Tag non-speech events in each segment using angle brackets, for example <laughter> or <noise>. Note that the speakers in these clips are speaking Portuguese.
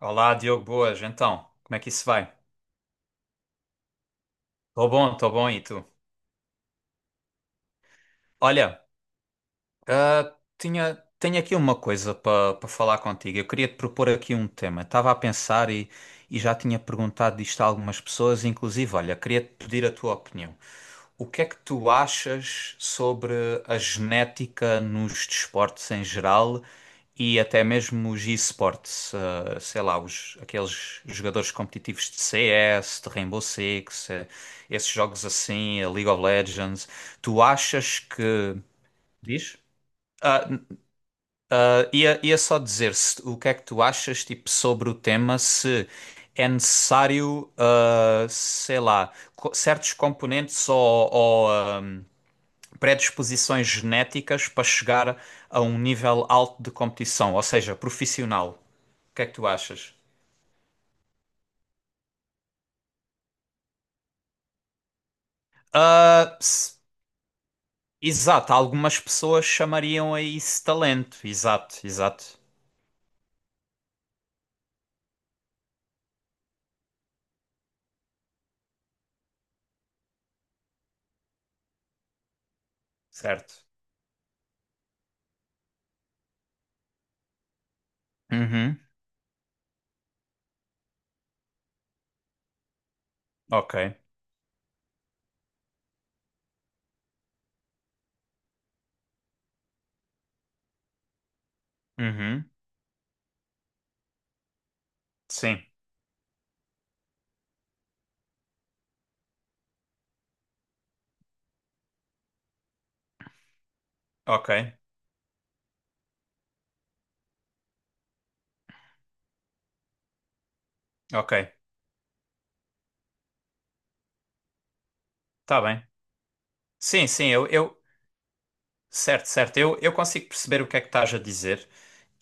Olá, Diogo, boas. Então, como é que isso vai? Tô bom, e tu? Olha, tenho aqui uma coisa para falar contigo. Eu queria te propor aqui um tema. Estava a pensar e já tinha perguntado isto a algumas pessoas, inclusive, olha, queria te pedir a tua opinião. O que é que tu achas sobre a genética nos desportos em geral e até mesmo os esportes, sei lá, aqueles jogadores competitivos de CS, de Rainbow Six, esses jogos assim, a League of Legends, tu achas que... Diz? Ia só dizer se, o que é que tu achas tipo, sobre o tema, se é necessário, sei lá, certos componentes ou, predisposições genéticas para chegar a um nível alto de competição, ou seja, profissional. O que é que tu achas? Ah, s- exato, algumas pessoas chamariam a isso talento. Exato, exato. Certo. Uhum, ok. Uhum, sim, ok, ok. Tá bem. Sim, sim, certo, certo. Eu consigo perceber o que é que estás a dizer.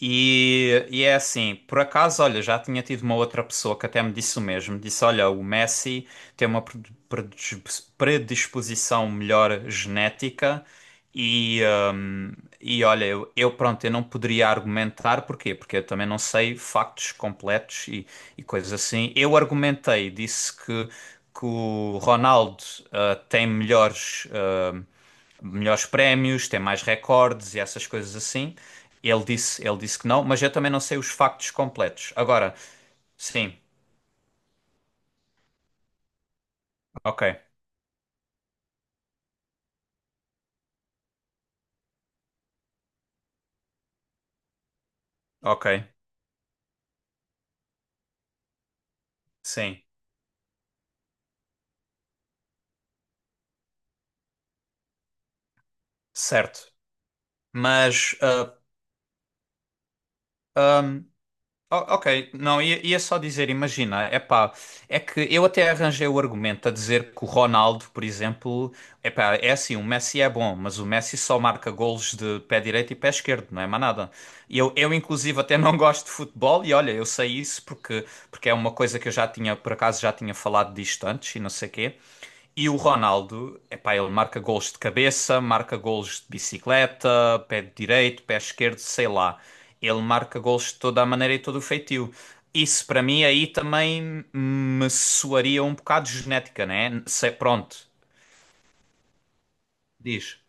E é assim, por acaso, olha, já tinha tido uma outra pessoa que até me disse o mesmo. Disse: olha, o Messi tem uma predisposição melhor genética, e, hum, e olha, pronto, eu não poderia argumentar porquê, porque eu também não sei factos completos e coisas assim. Eu argumentei, disse que o Ronaldo tem melhores. hum, melhores prémios, tem mais recordes e essas coisas assim. Ele disse que não, mas eu também não sei os factos completos. Agora, sim, ok, ok, sim, certo. Mas ah, Ok, não, ia só dizer, imagina, é pá, é que eu até arranjei o argumento a dizer que o Ronaldo, por exemplo, é pá, é assim, o Messi é bom, mas o Messi só marca golos de pé direito e pé esquerdo, não é mais nada. E eu inclusive até não <laughs> gosto de futebol e olha, eu sei isso porque, porque é uma coisa que eu já tinha, por acaso já tinha falado disto antes e não sei quê. E o Ronaldo, epá, ele marca gols de cabeça, marca gols de bicicleta, pé direito, pé esquerdo, sei lá. Ele marca gols de toda a maneira e todo o feitio. Isso para mim aí também me soaria um bocado genética, né? Sei, pronto, diz.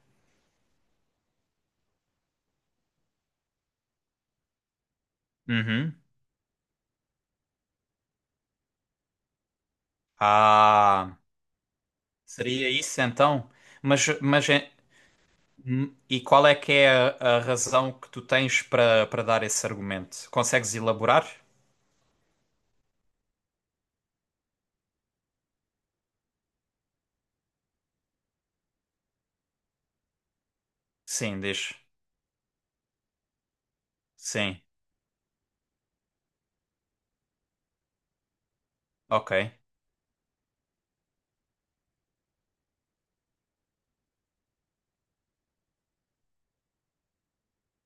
Uhum. Ah, seria isso então? Mas, mas é- e qual é que é a razão que tu tens para dar esse argumento? Consegues elaborar? Sim, diz. Sim, ok.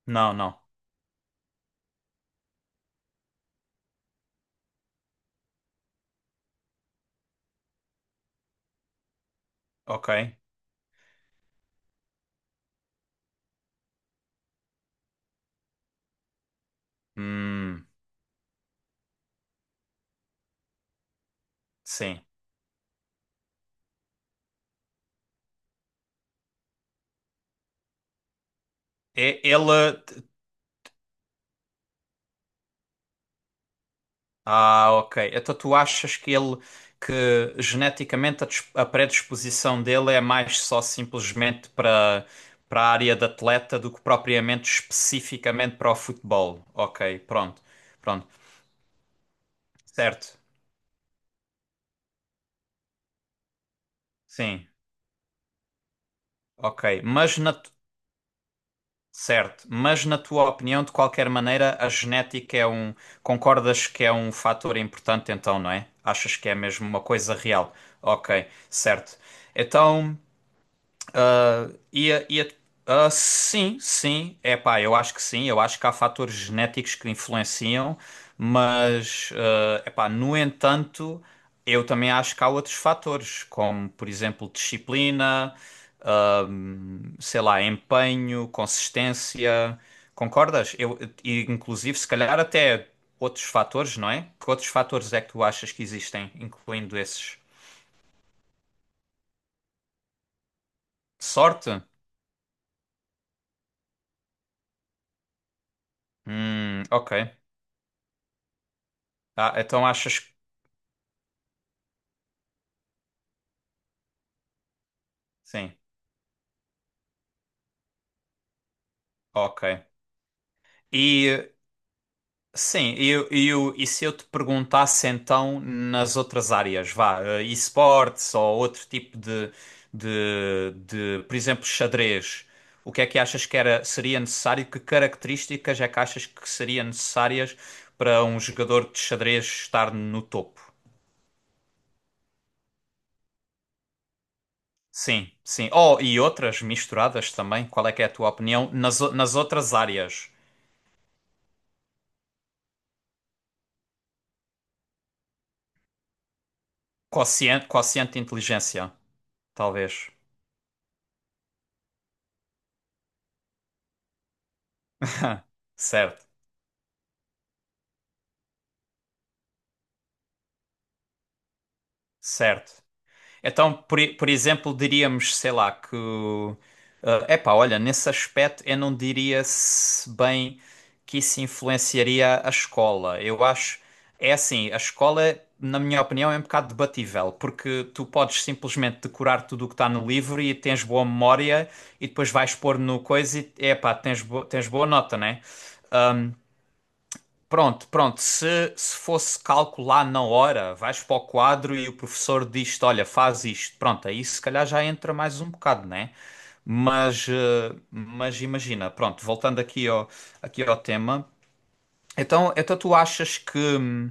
Não, não. Ok. Hum, sim. É, ele. Ah, ok. Então tu achas que ele. Que geneticamente a predisposição dele é mais só simplesmente para para a área de atleta do que propriamente especificamente para o futebol. Ok, pronto. Pronto. Certo. Sim. Ok. Mas na Certo, mas na tua opinião, de qualquer maneira, a genética é um. Concordas que é um fator importante, então, não é? Achas que é mesmo uma coisa real? Ok, certo. Então. Ia, ia, sim, sim, é pá, eu acho que sim, eu acho que há fatores genéticos que influenciam, mas, é pá, no entanto, eu também acho que há outros fatores, como, por exemplo, disciplina, ah, sei lá, empenho, consistência, concordas? E, inclusive, se calhar até outros fatores, não é? Que outros fatores é que tu achas que existem, incluindo esses? Sorte? Ok. Ah, então achas que... Sim. Ok. E sim, e se eu te perguntasse então nas outras áreas, vá, esportes ou outro tipo de, de, por exemplo, xadrez, o que é que achas que era, seria necessário? Que características é que achas que seriam necessárias para um jogador de xadrez estar no topo? Sim, sim. Oh, e outras misturadas também, qual é que é a tua opinião? Nas outras áreas, quociente de inteligência, talvez. <laughs> Certo. Certo. Então, por exemplo, diríamos, sei lá, que. É epá, olha, nesse aspecto eu não diria se bem que isso influenciaria a escola. Eu acho. É assim, a escola, na minha opinião, é um bocado debatível, porque tu podes simplesmente decorar tudo o que está no livro e tens boa memória e depois vais pôr no coisa e, epá, tens boa nota, né? Pronto, pronto. Se fosse calcular na hora, vais para o quadro e o professor diz-te: Olha, faz isto. Pronto, aí se calhar já entra mais um bocado, né? Mas, mas imagina, pronto, voltando aqui ao tema. Então, então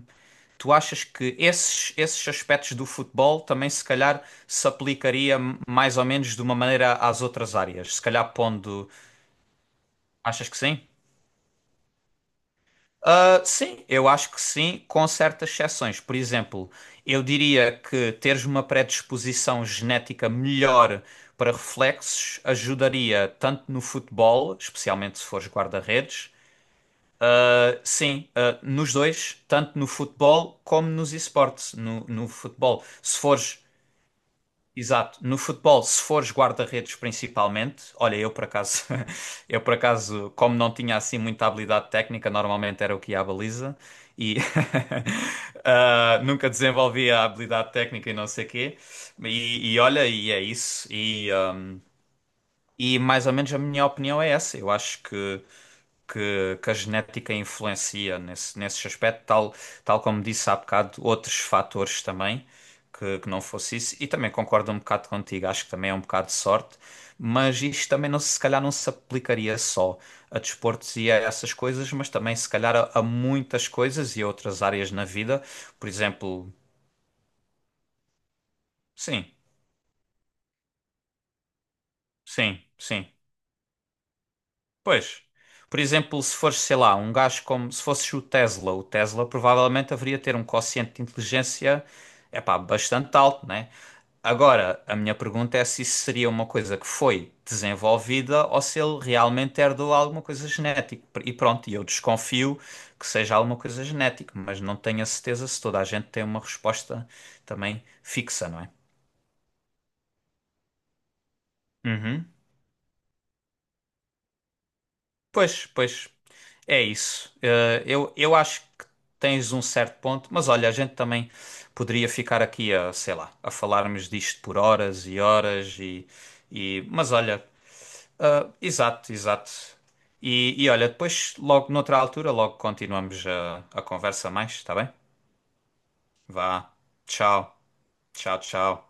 tu achas que esses aspectos do futebol também se calhar se aplicaria mais ou menos de uma maneira às outras áreas? Se calhar pondo. Achas que sim? Ah, sim, eu acho que sim, com certas exceções. Por exemplo, eu diria que teres uma predisposição genética melhor para reflexos ajudaria tanto no futebol, especialmente se fores guarda-redes. Ah, sim, ah, nos dois, tanto no futebol como nos esportes. No futebol, se fores Exato. No futebol, se fores guarda-redes principalmente, olha, eu por acaso, <laughs> eu por acaso, como não tinha assim muita habilidade técnica, normalmente era o que ia à baliza e <laughs> nunca desenvolvia a habilidade técnica e não sei quê. E olha, e é isso. E, ah, e mais ou menos a minha opinião é essa. Eu acho que a genética influencia nesse, nesse aspecto, tal, tal como disse há bocado, outros fatores também, que não fosse isso. E também concordo um bocado contigo, acho que também é um bocado de sorte, mas isto também não, se se calhar não se aplicaria só a desportos e a essas coisas, mas também se calhar a muitas coisas e a outras áreas na vida. Por exemplo, sim, sim, sim. Pois, por exemplo, se fores, sei lá, um gajo como se fosses o Tesla provavelmente haveria ter um quociente de inteligência, epá, bastante alto, né? Agora, a minha pergunta é se isso seria uma coisa que foi desenvolvida ou se ele realmente herdou alguma coisa genética. E pronto, e eu desconfio que seja alguma coisa genética, mas não tenho a certeza se toda a gente tem uma resposta também fixa, não é? Uhum. Pois, pois, é isso. Eu acho que tens um certo ponto, mas olha, a gente também poderia ficar aqui a, sei lá, a falarmos disto por horas e horas e mas olha, ah, exato, exato. E olha, depois, logo noutra altura, logo continuamos a conversa mais, está bem? Vá, tchau, tchau, tchau.